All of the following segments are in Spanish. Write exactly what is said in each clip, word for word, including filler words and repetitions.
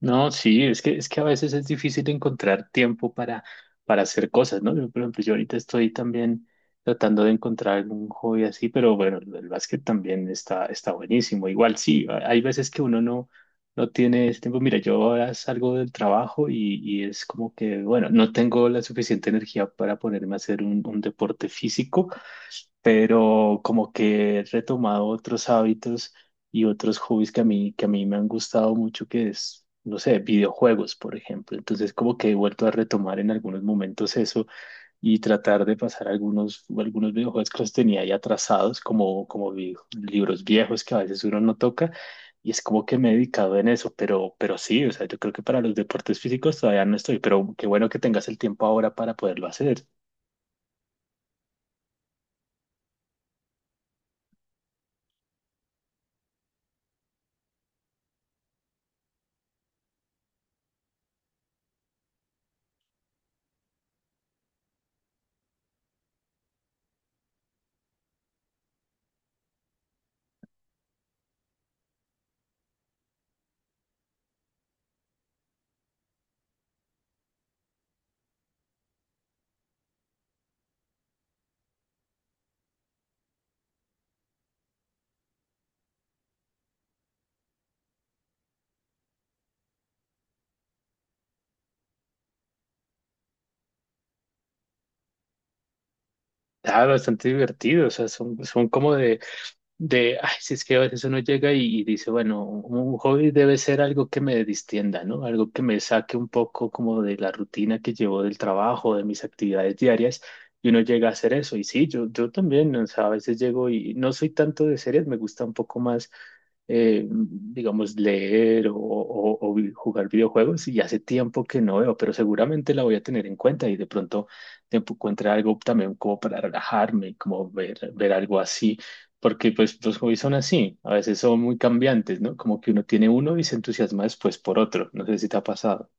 No, sí, es que, es que a veces es difícil encontrar tiempo para, para hacer cosas, ¿no? Yo, por ejemplo, yo ahorita estoy también tratando de encontrar algún hobby así, pero bueno, el el básquet también está, está buenísimo. Igual sí, a- hay veces que uno no, no tiene ese tiempo. Mira, yo ahora salgo del trabajo y, y es como que, bueno, no tengo la suficiente energía para ponerme a hacer un, un deporte físico, pero como que he retomado otros hábitos y otros hobbies que a mí, que a mí me han gustado mucho, que es, no sé, videojuegos, por ejemplo. Entonces, como que he vuelto a retomar en algunos momentos eso y tratar de pasar algunos, algunos videojuegos que los tenía ahí atrasados, como, como vi- libros viejos que a veces uno no toca. Y es como que me he dedicado en eso, pero, pero sí, o sea, yo creo que para los deportes físicos todavía no estoy, pero qué bueno que tengas el tiempo ahora para poderlo hacer. Ah, bastante divertido, o sea, son, son como de, de, ay, si es que a veces uno llega y, y dice, bueno, un hobby debe ser algo que me distienda, ¿no? Algo que me saque un poco como de la rutina que llevo del trabajo, de mis actividades diarias, y uno llega a hacer eso. Y sí, yo, yo también, o sea, a veces llego y no soy tanto de series, me gusta un poco más, eh, digamos, leer o, o o vi- jugar videojuegos, y hace tiempo que no veo, pero seguramente la voy a tener en cuenta y de pronto te encuentre algo también como para relajarme, como ver, ver algo así porque pues los hobbies son así, a veces son muy cambiantes, ¿no? Como que uno tiene uno y se entusiasma después por otro, no sé si te ha pasado.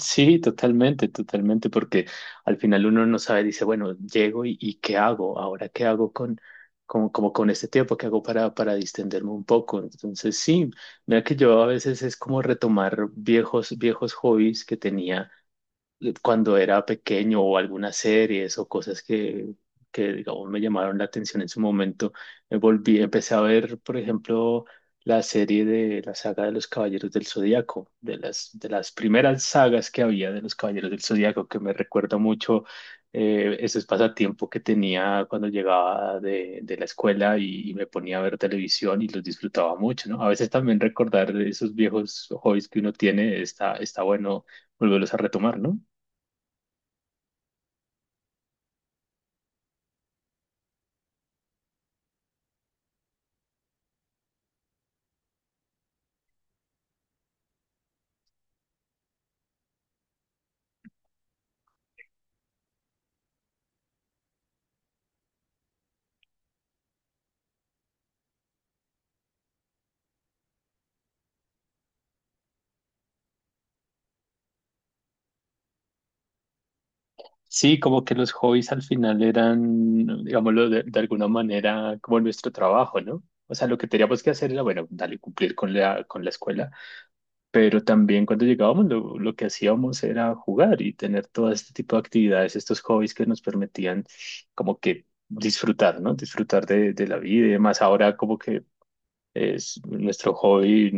Sí, totalmente, totalmente, porque al final uno no sabe, dice, bueno, llego y, y ¿qué hago? Ahora, ¿qué hago con, como, como con este tiempo? ¿Qué hago para, para distenderme un poco? Entonces, sí, mira que yo a veces es como retomar viejos, viejos hobbies que tenía cuando era pequeño o algunas series o cosas que, que digamos me llamaron la atención en su momento, me volví, empecé a ver, por ejemplo, la serie de la saga de los Caballeros del Zodíaco, de las, de las primeras sagas que había de los Caballeros del Zodíaco, que me recuerda mucho eh, esos pasatiempos que tenía cuando llegaba de, de la escuela y, y me ponía a ver televisión y los disfrutaba mucho, ¿no? A veces también recordar esos viejos hobbies que uno tiene está, está bueno volverlos a retomar, ¿no? Sí, como que los hobbies al final eran, digámoslo, de, de alguna manera como nuestro trabajo, ¿no? O sea, lo que teníamos que hacer era, bueno, dale, cumplir con la, con la escuela, pero también cuando llegábamos lo, lo que hacíamos era jugar y tener todo este tipo de actividades, estos hobbies que nos permitían como que disfrutar, ¿no? Disfrutar de, de la vida y demás. Ahora como que es, nuestro hobby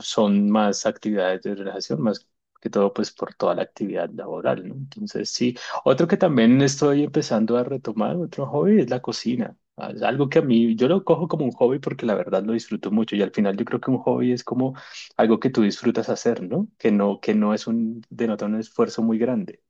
son más actividades de relajación, más que todo pues por toda la actividad laboral, ¿no? Entonces sí, otro que también estoy empezando a retomar, otro hobby es la cocina. Ah, es algo que a mí, yo lo cojo como un hobby porque la verdad lo disfruto mucho y al final yo creo que un hobby es como algo que tú disfrutas hacer, ¿no? Que no, que no es un, denota un esfuerzo muy grande.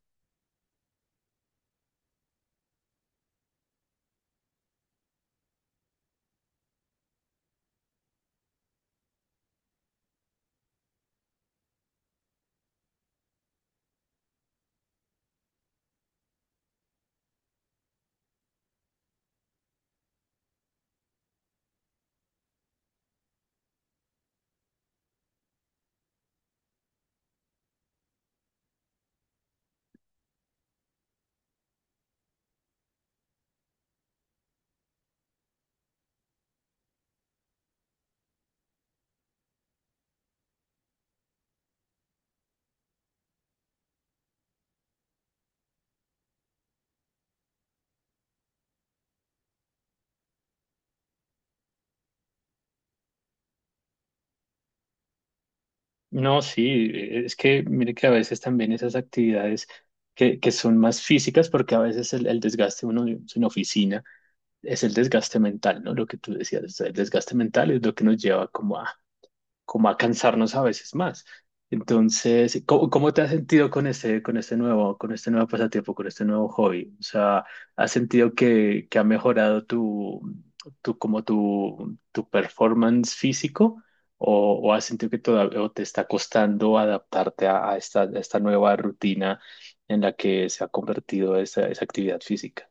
No, sí, es que mire que a veces también esas actividades que, que son más físicas porque a veces el, el desgaste uno en en oficina es el desgaste mental, ¿no? Lo que tú decías, o sea, el desgaste mental es lo que nos lleva como a, como a cansarnos a veces más. Entonces, ¿cómo, ¿cómo te has sentido con este, con este nuevo, con este nuevo pasatiempo, con este nuevo hobby? O sea, ¿has sentido que, que ha mejorado tu, tu, como tu, tu performance físico? ¿O, o has sentido que todavía o te está costando adaptarte a, a esta, a esta nueva rutina en la que se ha convertido esa, esa actividad física?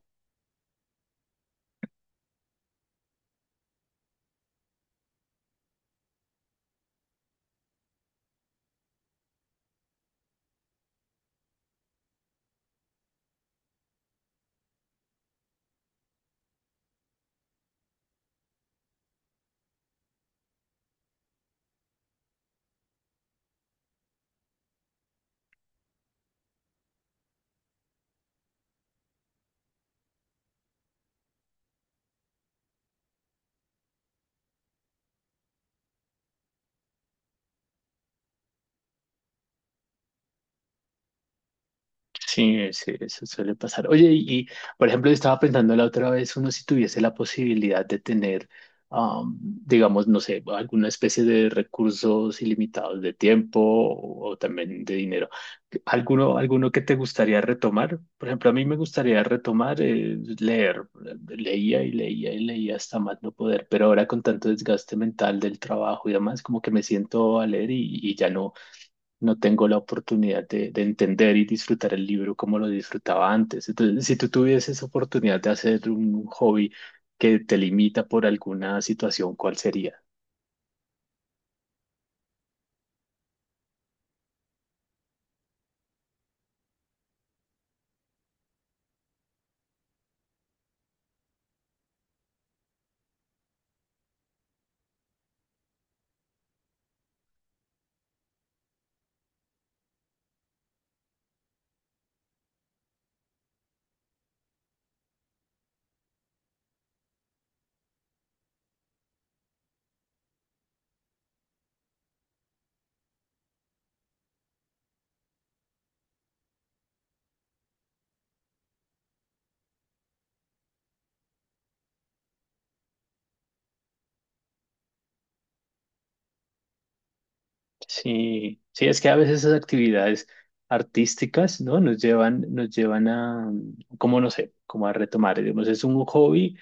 Sí, sí, eso suele pasar. Oye, y, y, por ejemplo, yo estaba pensando la otra vez, uno si tuviese la posibilidad de tener, am, digamos, no sé, alguna especie de recursos ilimitados de tiempo o, o también de dinero, ¿alguno, ¿alguno que te gustaría retomar? Por ejemplo, a mí me gustaría retomar eh, leer. Leía y leía y leía hasta más no poder, pero ahora con tanto desgaste mental del trabajo y demás, como que me siento a leer y, y ya no no tengo la oportunidad de, de entender y disfrutar el libro como lo disfrutaba antes. Entonces, si tú tuvieses oportunidad de hacer un hobby que te limita por alguna situación, ¿cuál sería? Sí, sí, es que a veces esas actividades artísticas, ¿no? Nos llevan, nos llevan a, como no sé, como a retomar, digamos, es un hobby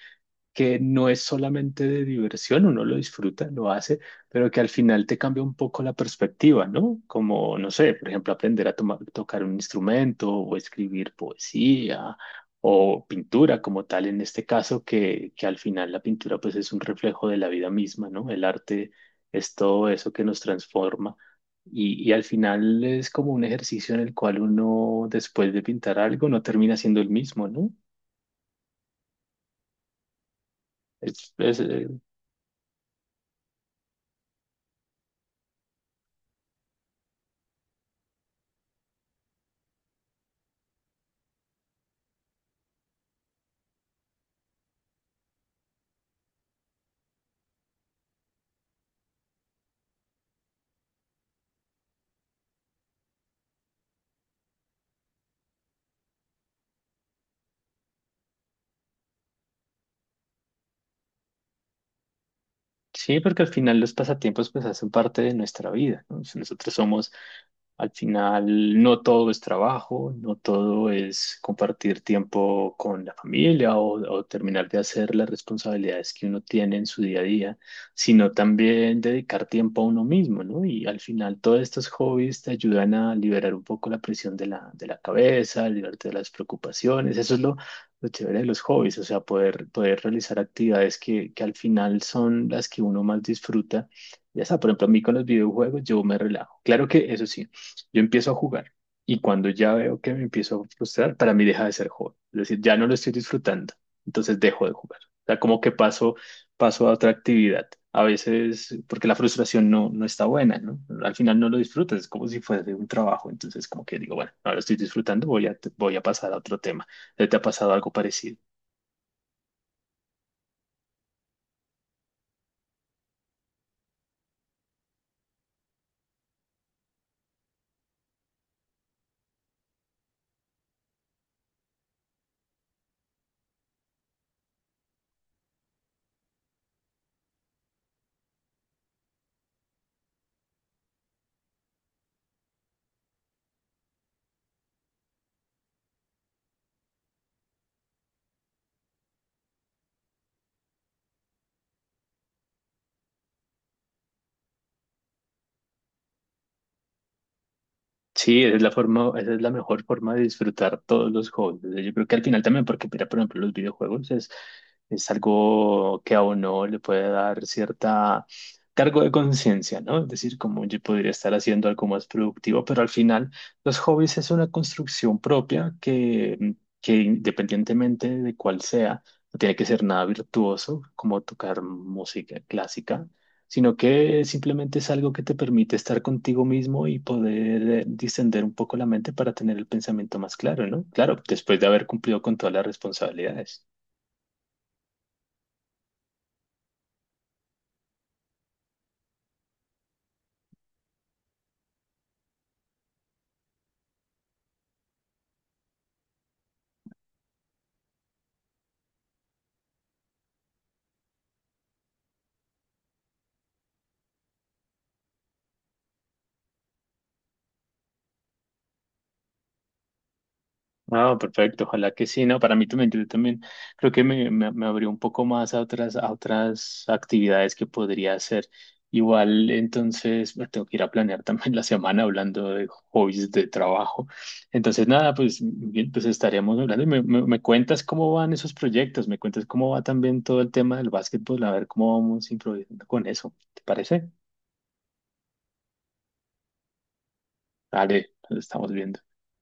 que no es solamente de diversión, uno lo disfruta, lo hace, pero que al final te cambia un poco la perspectiva, ¿no? Como, no sé, por ejemplo, aprender a toma- tocar un instrumento o escribir poesía o pintura como tal, en este caso, que, que al final la pintura pues es un reflejo de la vida misma, ¿no? El arte es todo eso que nos transforma. Y, y al final es como un ejercicio en el cual uno, después de pintar algo, no termina siendo el mismo, ¿no? Es, es- eh, Sí, porque al final los pasatiempos pues hacen parte de nuestra vida, ¿no? Si nosotros somos al final, no todo es trabajo, no todo es compartir tiempo con la familia o, o terminar de hacer las responsabilidades que uno tiene en su día a día, sino también dedicar tiempo a uno mismo, ¿no? Y al final, todos estos hobbies te ayudan a liberar un poco la presión de la, de la cabeza, liberarte de las preocupaciones. Eso es lo, lo chévere de los hobbies, o sea, poder, poder realizar actividades que, que al final son las que uno más disfruta. Ya está, por ejemplo, a mí con los videojuegos yo me relajo. Claro que eso sí. Yo empiezo a jugar y cuando ya veo que me empiezo a frustrar, para mí deja de ser juego. Es decir, ya no lo estoy disfrutando, entonces dejo de jugar. O sea, como que paso, paso a otra actividad. A veces, porque la frustración no, no está buena, ¿no? Al final no lo disfrutas, es como si fuese un trabajo. Entonces, como que digo, bueno, ahora estoy disfrutando, voy a, voy a pasar a otro tema. ¿Te ha pasado algo parecido? Sí, esa es la forma, esa es la mejor forma de disfrutar todos los juegos. O sea, yo creo que al final también, porque mira, por ejemplo, los videojuegos es, es algo que a uno le puede dar cierta cargo de conciencia, ¿no? Es decir, como yo podría estar haciendo algo más productivo, pero al final los hobbies es una construcción propia que, mm, que independientemente de cuál sea, no tiene que ser nada virtuoso, como tocar música clásica sino que simplemente es algo que te permite estar contigo mismo y poder eh, distender un poco la mente para tener el pensamiento más claro, ¿no? Claro, después de haber cumplido con todas las responsabilidades. Ah, perfecto, ojalá que sí, ¿no? Para mí también, yo también creo que me, me, me abrió un poco más a otras, a otras actividades que podría hacer. Igual, entonces, me tengo que ir a planear también la semana hablando de hobbies de trabajo. Entonces, nada, pues, bien, pues estaremos hablando y me, me, me cuentas cómo van esos proyectos, me cuentas cómo va también todo el tema del básquetbol, a ver cómo vamos improvisando con eso. ¿Te parece? Vale, nos estamos viendo.